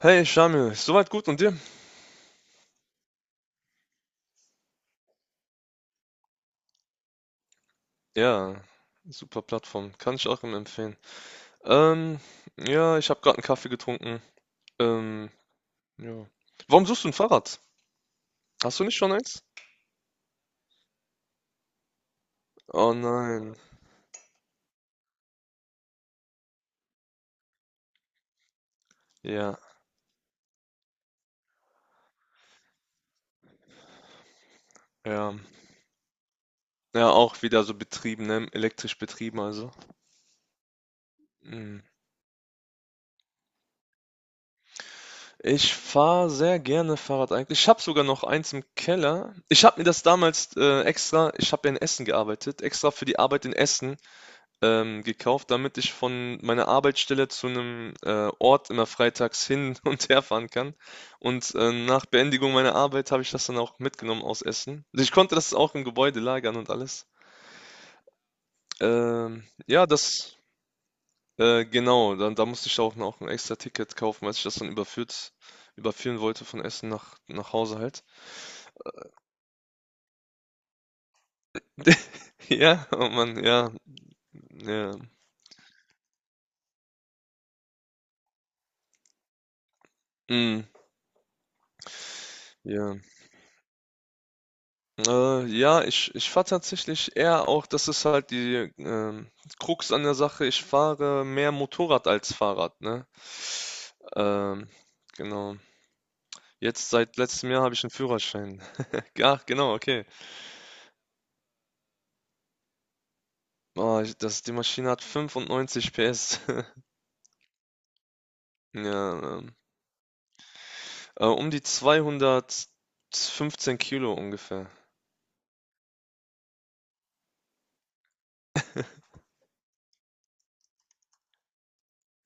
Hey Shamil, soweit gut und dir? Ja, super Plattform, kann ich auch immer empfehlen. Ähm, ja, ich habe gerade einen Kaffee getrunken. Ähm, ja. Warum suchst du ein Fahrrad? Hast du nicht schon eins? Oh nein. Ja, ja. Ja, auch wieder so betrieben, ne? Elektrisch betrieben also. Mm. Ich fahre sehr gerne Fahrrad eigentlich. Ich habe sogar noch eins im Keller. Ich habe mir das damals extra, ich habe ja in Essen gearbeitet, extra für die Arbeit in Essen gekauft, damit ich von meiner Arbeitsstelle zu einem Ort immer freitags hin und her fahren kann. Und nach Beendigung meiner Arbeit habe ich das dann auch mitgenommen aus Essen. Also ich konnte das auch im Gebäude lagern und alles. Ähm, ja, das, genau, dann, da musste ich auch noch ein extra Ticket kaufen, als ich das dann überführen wollte von Essen nach Hause halt. Ja, oh Mann, ja, ja, mm, ja. Ja, ich fahre tatsächlich eher, auch das ist halt die Krux an der Sache, ich fahre mehr Motorrad als Fahrrad, ne? Ähm, genau. Jetzt seit letztem Jahr habe ich einen Führerschein. Ach, genau, okay. Oh, ich das die Maschine hat 95 PS. Ja, um die 215 Kilo ungefähr.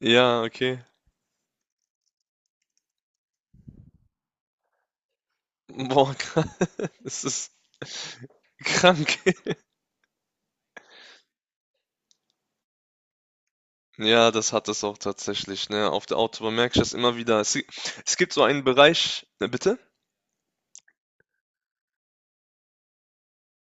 Ja, okay. Boah, kr das ist krank. Ja, das hat es auch tatsächlich, ne? Auf der Autobahn merke ich das immer wieder. Es gibt so einen Bereich, bitte?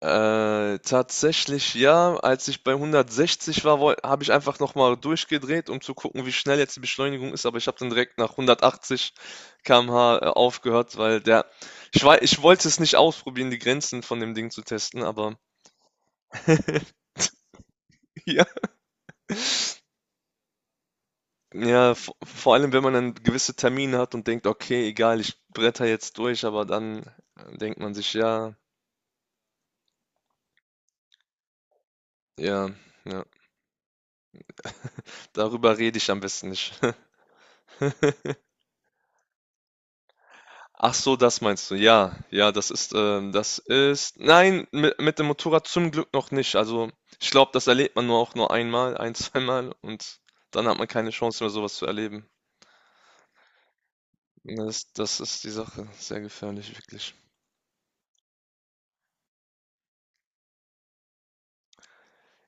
Tatsächlich ja, als ich bei 160 war, habe ich einfach nochmal durchgedreht, um zu gucken, wie schnell jetzt die Beschleunigung ist, aber ich habe dann direkt nach 180 km/h aufgehört, ich war, ich wollte es nicht ausprobieren, die Grenzen von dem Ding zu testen, aber ja, ja, vor allem wenn man dann gewisse Termine hat und denkt: Okay, egal, ich bretter jetzt durch, aber dann denkt man sich, ja. Ja, ja. Darüber rede ich am besten nicht. Ach so, das meinst du. Ja, ja, nein, mit dem Motorrad zum Glück noch nicht. Also, ich glaube, das erlebt man nur auch nur einmal, zweimal und dann hat man keine Chance mehr, sowas zu erleben. Das ist die Sache. Sehr gefährlich, wirklich.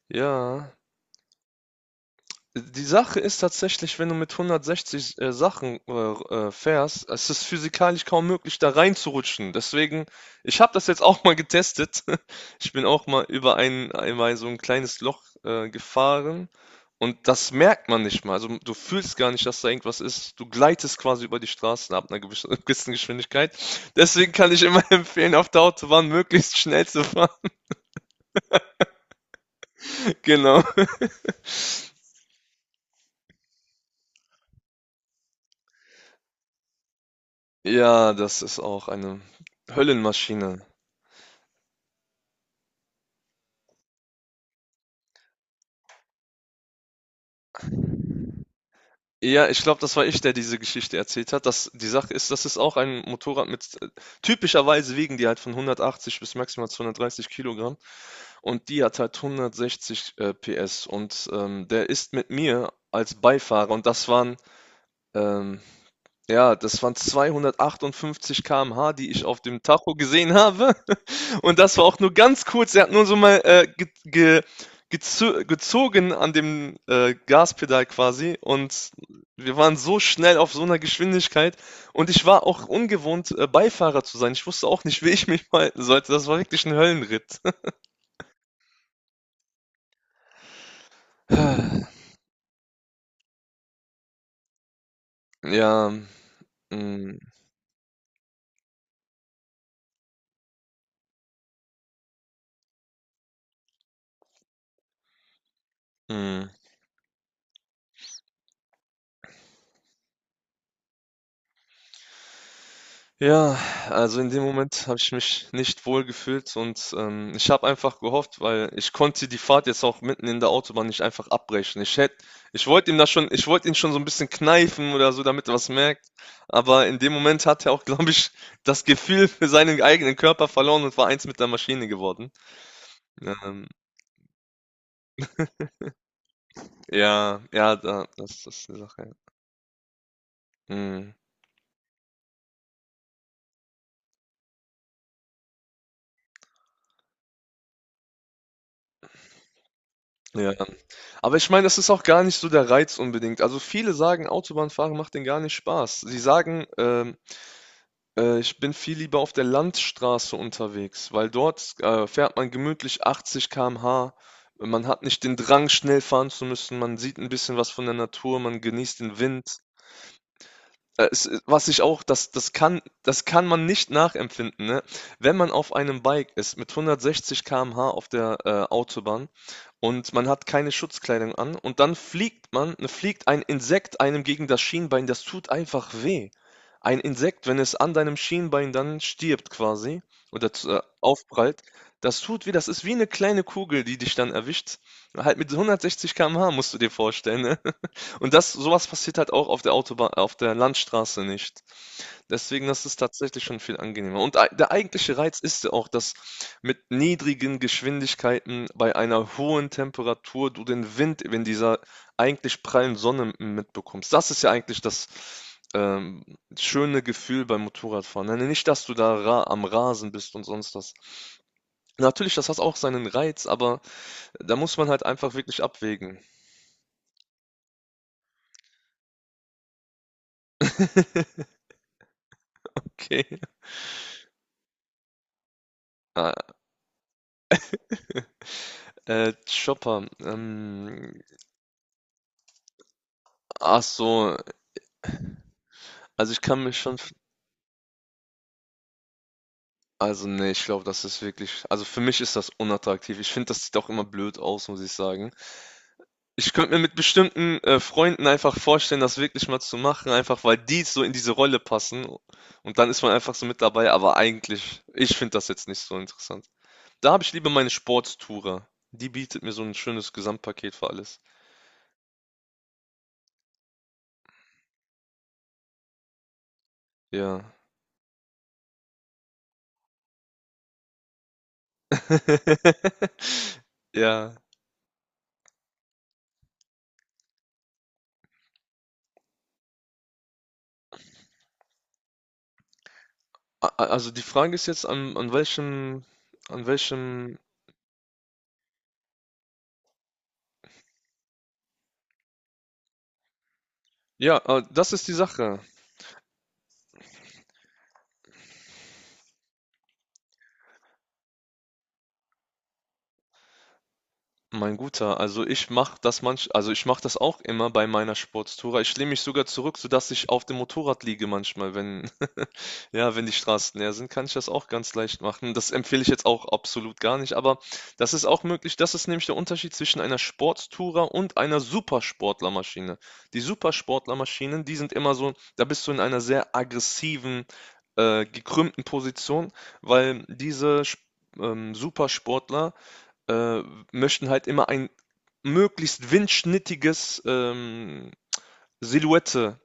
Ja. Die Sache ist tatsächlich, wenn du mit 160 Sachen fährst, es ist physikalisch kaum möglich, da reinzurutschen. Deswegen, ich habe das jetzt auch mal getestet. Ich bin auch mal über einmal so ein kleines Loch gefahren und das merkt man nicht mal. Also du fühlst gar nicht, dass da irgendwas ist. Du gleitest quasi über die Straßen ab einer gewissen gewissen Geschwindigkeit. Deswegen kann ich immer empfehlen, auf der Autobahn möglichst schnell zu fahren. Genau. Ja, das ist auch eine Höllenmaschine. Ja, ich glaube, das war ich, der diese Geschichte erzählt hat. Die Sache ist, das ist auch ein Motorrad mit, typischerweise wiegen die halt von 180 bis maximal 230 Kilogramm und die hat halt 160 PS und der ist mit mir als Beifahrer und ähm, ja, das waren 258 km/h, die ich auf dem Tacho gesehen habe und das war auch nur ganz kurz. Er hat nur so mal ge ge gezo gezogen an dem Gaspedal quasi. Und wir waren so schnell auf so einer Geschwindigkeit. Und ich war auch ungewohnt, Beifahrer zu sein. Ich wusste auch nicht, wie ich mich verhalten sollte. Das war wirklich ein Höllenritt. Ja. Mm, mm. Ja, also in dem Moment habe ich mich nicht wohl gefühlt und ich habe einfach gehofft, weil ich konnte die Fahrt jetzt auch mitten in der Autobahn nicht einfach abbrechen. Ich wollte ihm da schon, ich wollte ihn schon so ein bisschen kneifen oder so, damit er was merkt. Aber in dem Moment hat er auch, glaube ich, das Gefühl für seinen eigenen Körper verloren und war eins mit der Maschine geworden. Ähm, ja, ja, das ist die Sache. Ja. Mhm. Ja, aber ich meine, das ist auch gar nicht so der Reiz unbedingt. Also viele sagen, Autobahnfahren macht denen gar nicht Spaß. Sie sagen, ich bin viel lieber auf der Landstraße unterwegs, weil dort fährt man gemütlich 80 km/h. Man hat nicht den Drang, schnell fahren zu müssen. Man sieht ein bisschen was von der Natur, man genießt den Wind. Was ich auch, das kann man nicht nachempfinden, ne? Wenn man auf einem Bike ist mit 160 km/h auf der Autobahn und man hat keine Schutzkleidung an und dann fliegt ein Insekt einem gegen das Schienbein, das tut einfach weh. Ein Insekt, wenn es an deinem Schienbein dann stirbt quasi oder aufprallt, das tut weh, das ist wie eine kleine Kugel, die dich dann erwischt. Halt mit 160 km/h musst du dir vorstellen, ne? Und das sowas passiert halt auch auf der Autobahn auf der Landstraße nicht. Deswegen, das ist tatsächlich schon viel angenehmer. Und ei der eigentliche Reiz ist ja auch, dass mit niedrigen Geschwindigkeiten bei einer hohen Temperatur du den Wind, wenn dieser eigentlich prallen Sonne m mitbekommst. Das ist ja eigentlich das ähm, schöne Gefühl beim Motorradfahren. Ne, nicht, dass du da ra am Rasen bist und sonst was. Natürlich, das hat auch seinen Reiz, aber da muss man halt einfach wirklich abwägen. Okay. Ah, Chopper, ach so, also ich kann mich schon, also nee, ich glaube, das ist wirklich, also für mich ist das unattraktiv. Ich finde, das sieht auch immer blöd aus, muss ich sagen. Ich könnte mir mit bestimmten Freunden einfach vorstellen, das wirklich mal zu machen, einfach weil die so in diese Rolle passen und dann ist man einfach so mit dabei, aber eigentlich, ich finde das jetzt nicht so interessant. Da habe ich lieber meine Sporttourer. Die bietet mir so ein schönes Gesamtpaket für alles. Ja. Ja. A a Also die Frage ist jetzt, an welchem ja, das ist die Sache. Mein Guter, also ich mache das also ich mache das auch immer bei meiner Sportstour. Ich lehne mich sogar zurück, sodass ich auf dem Motorrad liege manchmal, wenn, ja, wenn die Straßen leer sind, kann ich das auch ganz leicht machen. Das empfehle ich jetzt auch absolut gar nicht, aber das ist auch möglich. Das ist nämlich der Unterschied zwischen einer Sporttourer und einer Supersportlermaschine. Die Supersportlermaschinen, die sind immer so, da bist du in einer sehr aggressiven, gekrümmten Position, weil diese Supersportler äh, möchten halt immer ein möglichst windschnittiges Silhouette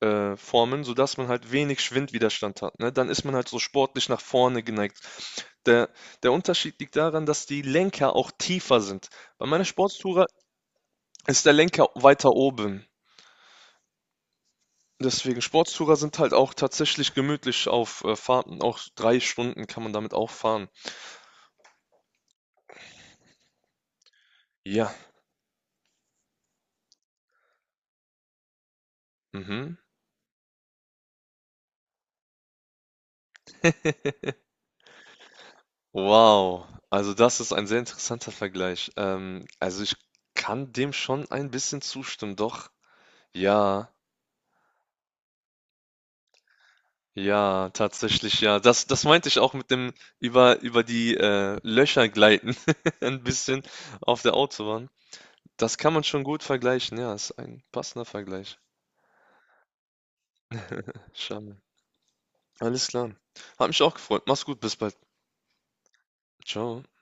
formen, sodass man halt wenig Schwindwiderstand hat. Ne? Dann ist man halt so sportlich nach vorne geneigt. Der, der Unterschied liegt daran, dass die Lenker auch tiefer sind. Bei meiner Sportstourer ist der Lenker weiter oben. Deswegen Sportstourer sind halt auch tatsächlich gemütlich auf Fahrten. Auch 3 Stunden kann man damit auch fahren. Ja. Mhm. Wow, also das ist ein sehr interessanter Vergleich. Also ich kann dem schon ein bisschen zustimmen, doch. Ja, ja, tatsächlich ja. Das meinte ich auch mit dem über die Löcher gleiten, ein bisschen auf der Autobahn. Das kann man schon gut vergleichen, ja, ist ein passender Vergleich. Schade. Alles klar. Hat mich auch gefreut. Mach's gut, bis bald. Ciao.